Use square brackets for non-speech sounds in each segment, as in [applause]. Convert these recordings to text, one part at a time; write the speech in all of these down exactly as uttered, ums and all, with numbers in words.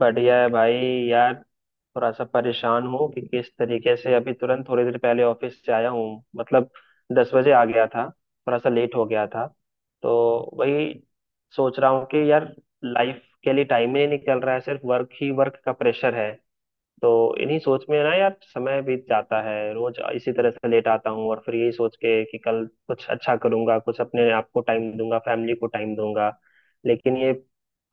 बढ़िया है भाई। यार थोड़ा सा परेशान हूँ कि किस तरीके से अभी तुरंत थोड़ी देर पहले ऑफिस से आया हूँ मतलब दस बजे आ गया था। थोड़ा सा लेट हो गया था तो वही सोच रहा हूँ कि यार लाइफ के लिए टाइम ही नहीं निकल रहा है, सिर्फ वर्क ही वर्क का प्रेशर है। तो इन्हीं सोच में ना यार समय बीत जाता है, रोज इसी तरह से लेट आता हूँ और फिर यही सोच के कि कल कुछ अच्छा करूंगा, कुछ अपने आप को टाइम दूंगा, फैमिली को टाइम दूंगा। लेकिन ये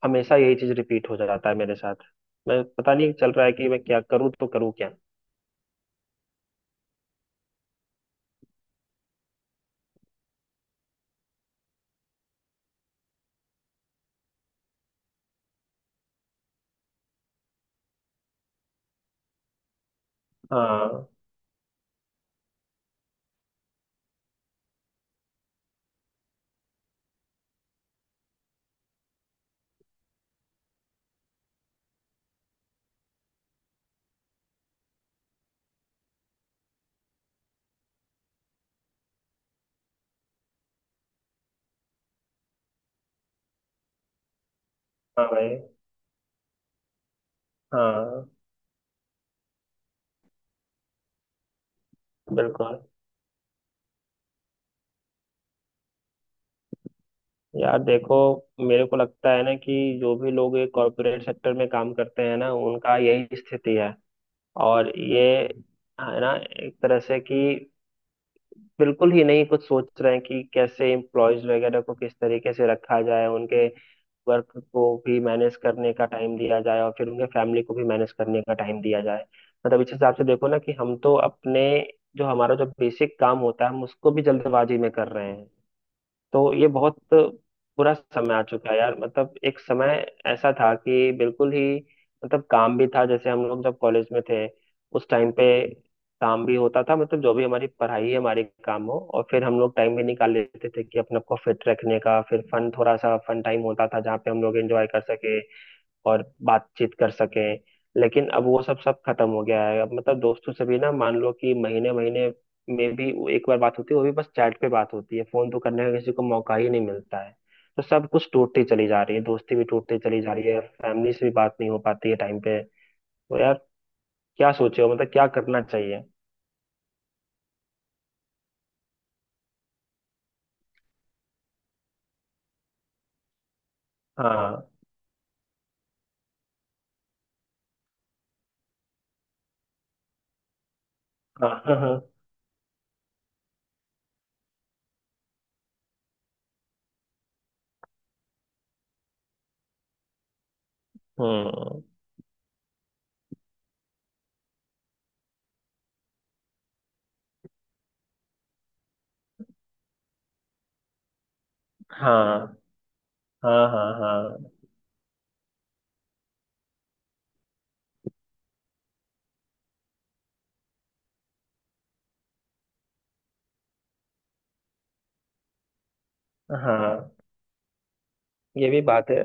हमेशा यही चीज रिपीट हो जाता है मेरे साथ। मैं पता नहीं चल रहा है कि मैं क्या करूँ तो करूँ क्या। हाँ। हाँ भाई। हाँ। बिल्कुल। यार देखो, मेरे को लगता है ना कि जो भी लोग ये कॉरपोरेट सेक्टर में काम करते हैं ना उनका यही स्थिति है। और ये है ना, एक तरह से कि बिल्कुल ही नहीं कुछ सोच रहे हैं कि कैसे एम्प्लॉयज वगैरह को किस तरीके से रखा जाए, उनके वर्क को भी मैनेज करने का टाइम दिया जाए और फिर उनके फैमिली को भी मैनेज करने का टाइम दिया जाए। मतलब इस हिसाब से देखो ना कि हम तो अपने जो हमारा जो बेसिक काम होता है हम उसको भी जल्दबाजी में कर रहे हैं। तो ये बहुत बुरा समय आ चुका है यार। मतलब एक समय ऐसा था कि बिल्कुल ही मतलब काम भी था, जैसे हम लोग जब कॉलेज में थे उस टाइम पे काम भी होता था, मतलब जो भी हमारी पढ़ाई है हमारे काम हो और फिर हम लोग टाइम भी निकाल लेते थे कि अपने आप को फिट रखने का, फिर फन थोड़ा सा फन टाइम होता था जहाँ पे हम लोग एंजॉय कर सके और बातचीत कर सके। लेकिन अब वो सब सब खत्म हो गया है। अब मतलब दोस्तों से भी ना मान लो कि महीने महीने में भी वो एक बार बात होती है, वो भी बस चैट पे बात होती है, फोन तो करने का किसी को मौका ही नहीं मिलता है। तो सब कुछ टूटती चली जा रही है, दोस्ती भी टूटती चली जा रही है, फैमिली से भी बात नहीं हो पाती है टाइम पे। तो यार क्या सोचे हो, मतलब क्या करना चाहिए। हाँ हाँ हाँ। हाँ। हम्म। हाँ हाँ हाँ। हाँ। हाँ ये भी बात है।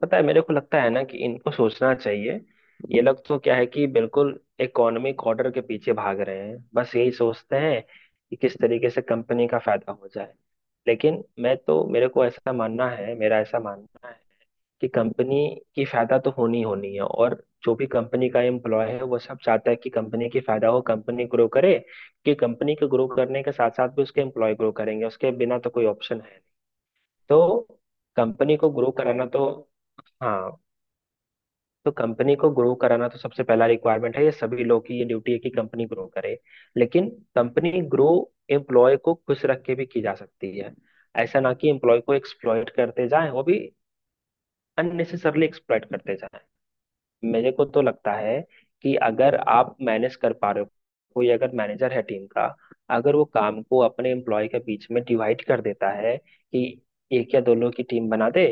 पता है मेरे को लगता है ना कि इनको सोचना चाहिए। ये लोग तो क्या है कि बिल्कुल इकोनॉमिक ऑर्डर के पीछे भाग रहे हैं, बस यही सोचते हैं कि किस तरीके से कंपनी का फायदा हो जाए। लेकिन मैं तो, मेरे को ऐसा मानना है, मेरा ऐसा मानना है कि कंपनी की फायदा तो होनी ही होनी है, और जो भी कंपनी का एम्प्लॉय है वो सब चाहता है कि कंपनी की फायदा हो, कंपनी ग्रो करे। कि कंपनी को ग्रो करने के साथ साथ भी उसके एम्प्लॉय ग्रो करेंगे, उसके बिना तो कोई ऑप्शन है। तो कंपनी को ग्रो कराना तो, हाँ, तो कंपनी को ग्रो कराना तो सबसे पहला रिक्वायरमेंट है, ये सभी लोग की ये ड्यूटी है कि कंपनी ग्रो करे। लेकिन कंपनी ग्रो एम्प्लॉय को खुश रख के भी की जा सकती है। ऐसा ना कि एम्प्लॉय को एक्सप्लॉइट करते जाएं, वो भी अननेसेसरली एक्सप्लॉइट करते जाएं। मेरे को तो लगता है कि अगर आप मैनेज कर पा रहे हो, कोई अगर मैनेजर है टीम का, अगर वो काम को अपने एम्प्लॉय के बीच में डिवाइड कर देता है कि एक या दो लोग की टीम बना दे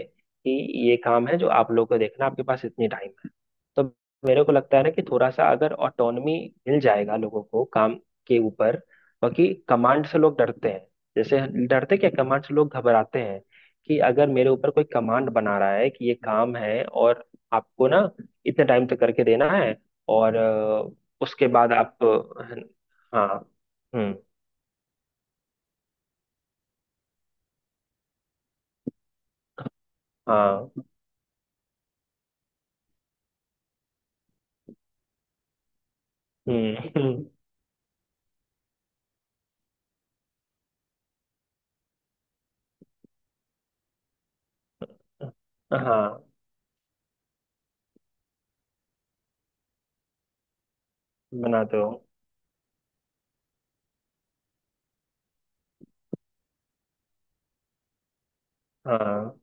कि ये काम है जो आप लोगों को देखना, आपके पास इतनी टाइम है, तो मेरे को लगता है ना कि थोड़ा सा अगर ऑटोनमी मिल जाएगा लोगों को काम के ऊपर। बाकी कमांड से लोग डरते हैं, जैसे डरते क्या, कमांड से लोग घबराते हैं कि अगर मेरे ऊपर कोई कमांड बना रहा है कि ये काम है और आपको ना इतने टाइम तक करके देना है। और अ, उसके बाद आप अ, हाँ। हम्म। हाँ। हम्म। [laughs] हाँ बनाते हो। हाँ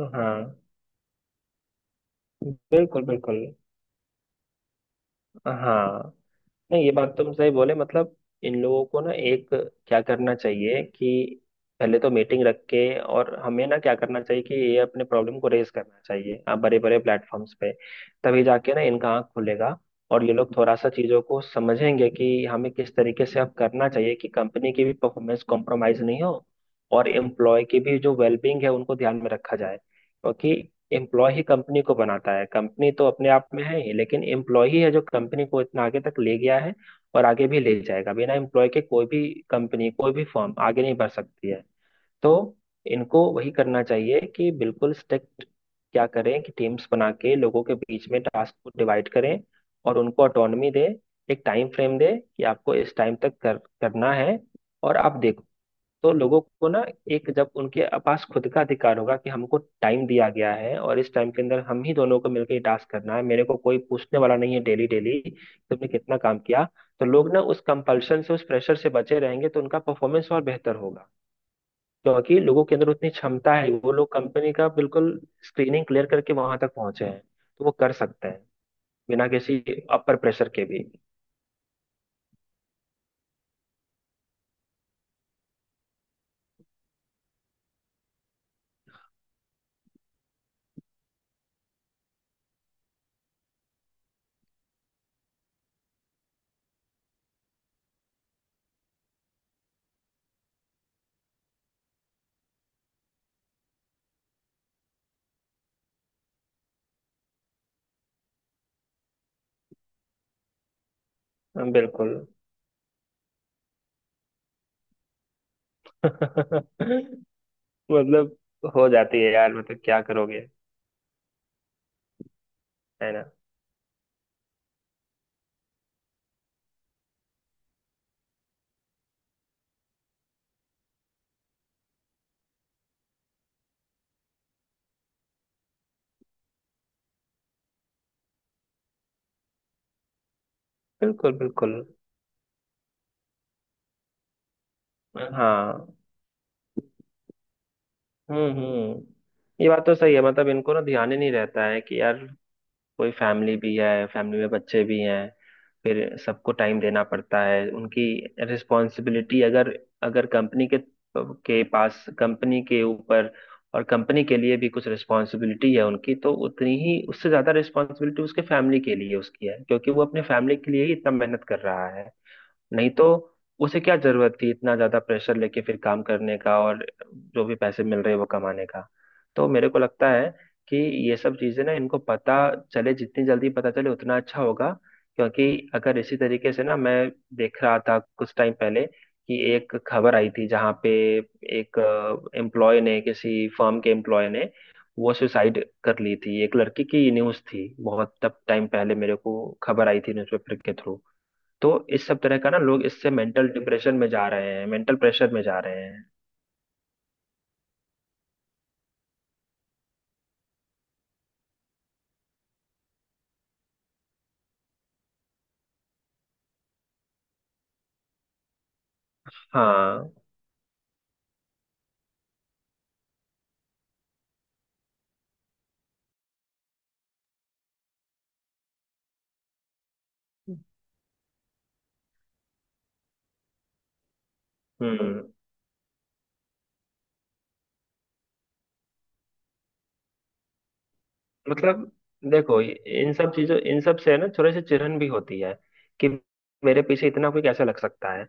हाँ। बिल्कुल बिल्कुल। हाँ। नहीं ये बात तुम सही बोले, मतलब इन लोगों को ना एक क्या करना चाहिए कि पहले तो मीटिंग रख के, और हमें ना क्या करना चाहिए कि ये अपने प्रॉब्लम को रेज करना चाहिए आप बड़े बड़े प्लेटफॉर्म्स पे, तभी जाके ना इनका आँख खुलेगा और ये लोग थोड़ा सा चीजों को समझेंगे कि हमें किस तरीके से अब करना चाहिए कि कंपनी की भी परफॉर्मेंस कॉम्प्रोमाइज नहीं हो और एम्प्लॉय की भी जो वेलबींग है उनको ध्यान में रखा जाए। एम्प्लॉय ही कंपनी को बनाता है, कंपनी तो अपने आप में है ही, लेकिन एम्प्लॉय ही है जो कंपनी को इतना आगे तक ले गया है और आगे भी ले जाएगा, बिना एम्प्लॉय के कोई भी कंपनी कोई भी फर्म आगे नहीं बढ़ सकती है। तो इनको वही करना चाहिए कि बिल्कुल स्ट्रिक्ट, क्या करें कि टीम्स बना के लोगों के बीच में टास्क को डिवाइड करें और उनको ऑटोनमी दें, एक टाइम फ्रेम दें कि आपको इस टाइम तक कर, करना है। और आप देखो तो लोगों को ना, एक जब उनके पास खुद का अधिकार होगा कि हमको टाइम दिया गया है और इस टाइम के अंदर हम ही दोनों को मिलकर ये टास्क करना है, मेरे को कोई पूछने वाला नहीं है डेली डेली तुमने कितना काम किया, तो लोग ना उस कंपल्शन से उस प्रेशर से बचे रहेंगे तो उनका परफॉर्मेंस और बेहतर होगा, क्योंकि लोगों के अंदर उतनी क्षमता है। वो लोग कंपनी का बिल्कुल स्क्रीनिंग क्लियर करके वहां तक पहुंचे हैं तो वो कर सकते हैं बिना किसी अपर प्रेशर के भी। हाँ, बिल्कुल। [laughs] मतलब हो जाती है यार, मतलब क्या करोगे। है ना। बिल्कुल बिल्कुल। हाँ। हम्म हम्म। ये बात तो सही है, मतलब इनको ना ध्यान ही नहीं रहता है कि यार कोई फैमिली भी है, फैमिली में बच्चे भी हैं, फिर सबको टाइम देना पड़ता है। उनकी रिस्पॉन्सिबिलिटी अगर, अगर कंपनी के के पास, कंपनी के ऊपर और कंपनी के लिए भी कुछ रिस्पॉन्सिबिलिटी है उनकी, तो उतनी ही उससे ज्यादा रिस्पॉन्सिबिलिटी उसके फैमिली के लिए उसकी है, क्योंकि वो अपने फैमिली के लिए ही इतना मेहनत कर रहा है। नहीं तो उसे क्या जरूरत थी इतना ज्यादा प्रेशर लेके फिर काम करने का और जो भी पैसे मिल रहे हैं वो कमाने का। तो मेरे को लगता है कि ये सब चीजें ना इनको पता चले, जितनी जल्दी पता चले उतना अच्छा होगा। क्योंकि अगर इसी तरीके से ना, मैं देख रहा था कुछ टाइम पहले कि एक खबर आई थी जहाँ पे एक एम्प्लॉय ने, किसी फर्म के एम्प्लॉय ने वो सुसाइड कर ली थी, एक लड़की की न्यूज़ थी, बहुत तब टाइम पहले मेरे को खबर आई थी न्यूज़पेपर के थ्रू। तो इस सब तरह का ना लोग इससे मेंटल डिप्रेशन में जा रहे हैं, मेंटल प्रेशर में जा रहे हैं। हाँ। हम्म। मतलब देखो ये- इन सब चीजों इन सब से है ना थोड़ी सी चिढ़न भी होती है कि मेरे पीछे इतना कोई कैसे लग सकता है।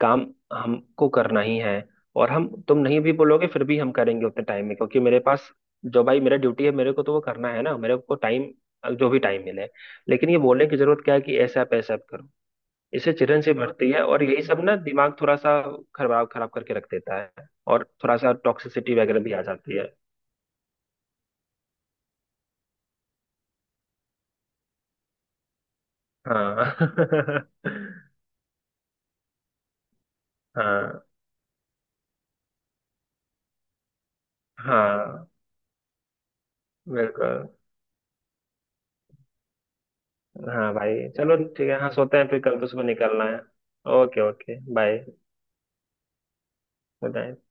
काम हमको करना ही है, और हम तुम नहीं भी बोलोगे फिर भी हम करेंगे उतने टाइम में, क्योंकि मेरे पास जो भाई मेरा ड्यूटी है मेरे को तो वो करना है ना, मेरे को टाइम, जो भी टाइम मिले। लेकिन ये बोलने की जरूरत क्या है कि ऐसा आप ऐसा आप करो। इसे चिड़न से बढ़ती है और यही सब ना दिमाग थोड़ा सा खराब खराब करके रख देता है और थोड़ा सा टॉक्सिसिटी वगैरह भी आ जाती है। हाँ। [laughs] हाँ हाँ। बिल्कुल। हाँ भाई चलो ठीक है, हाँ सोते हैं फिर कल तो सुबह निकलना है। Okay okay bye good night.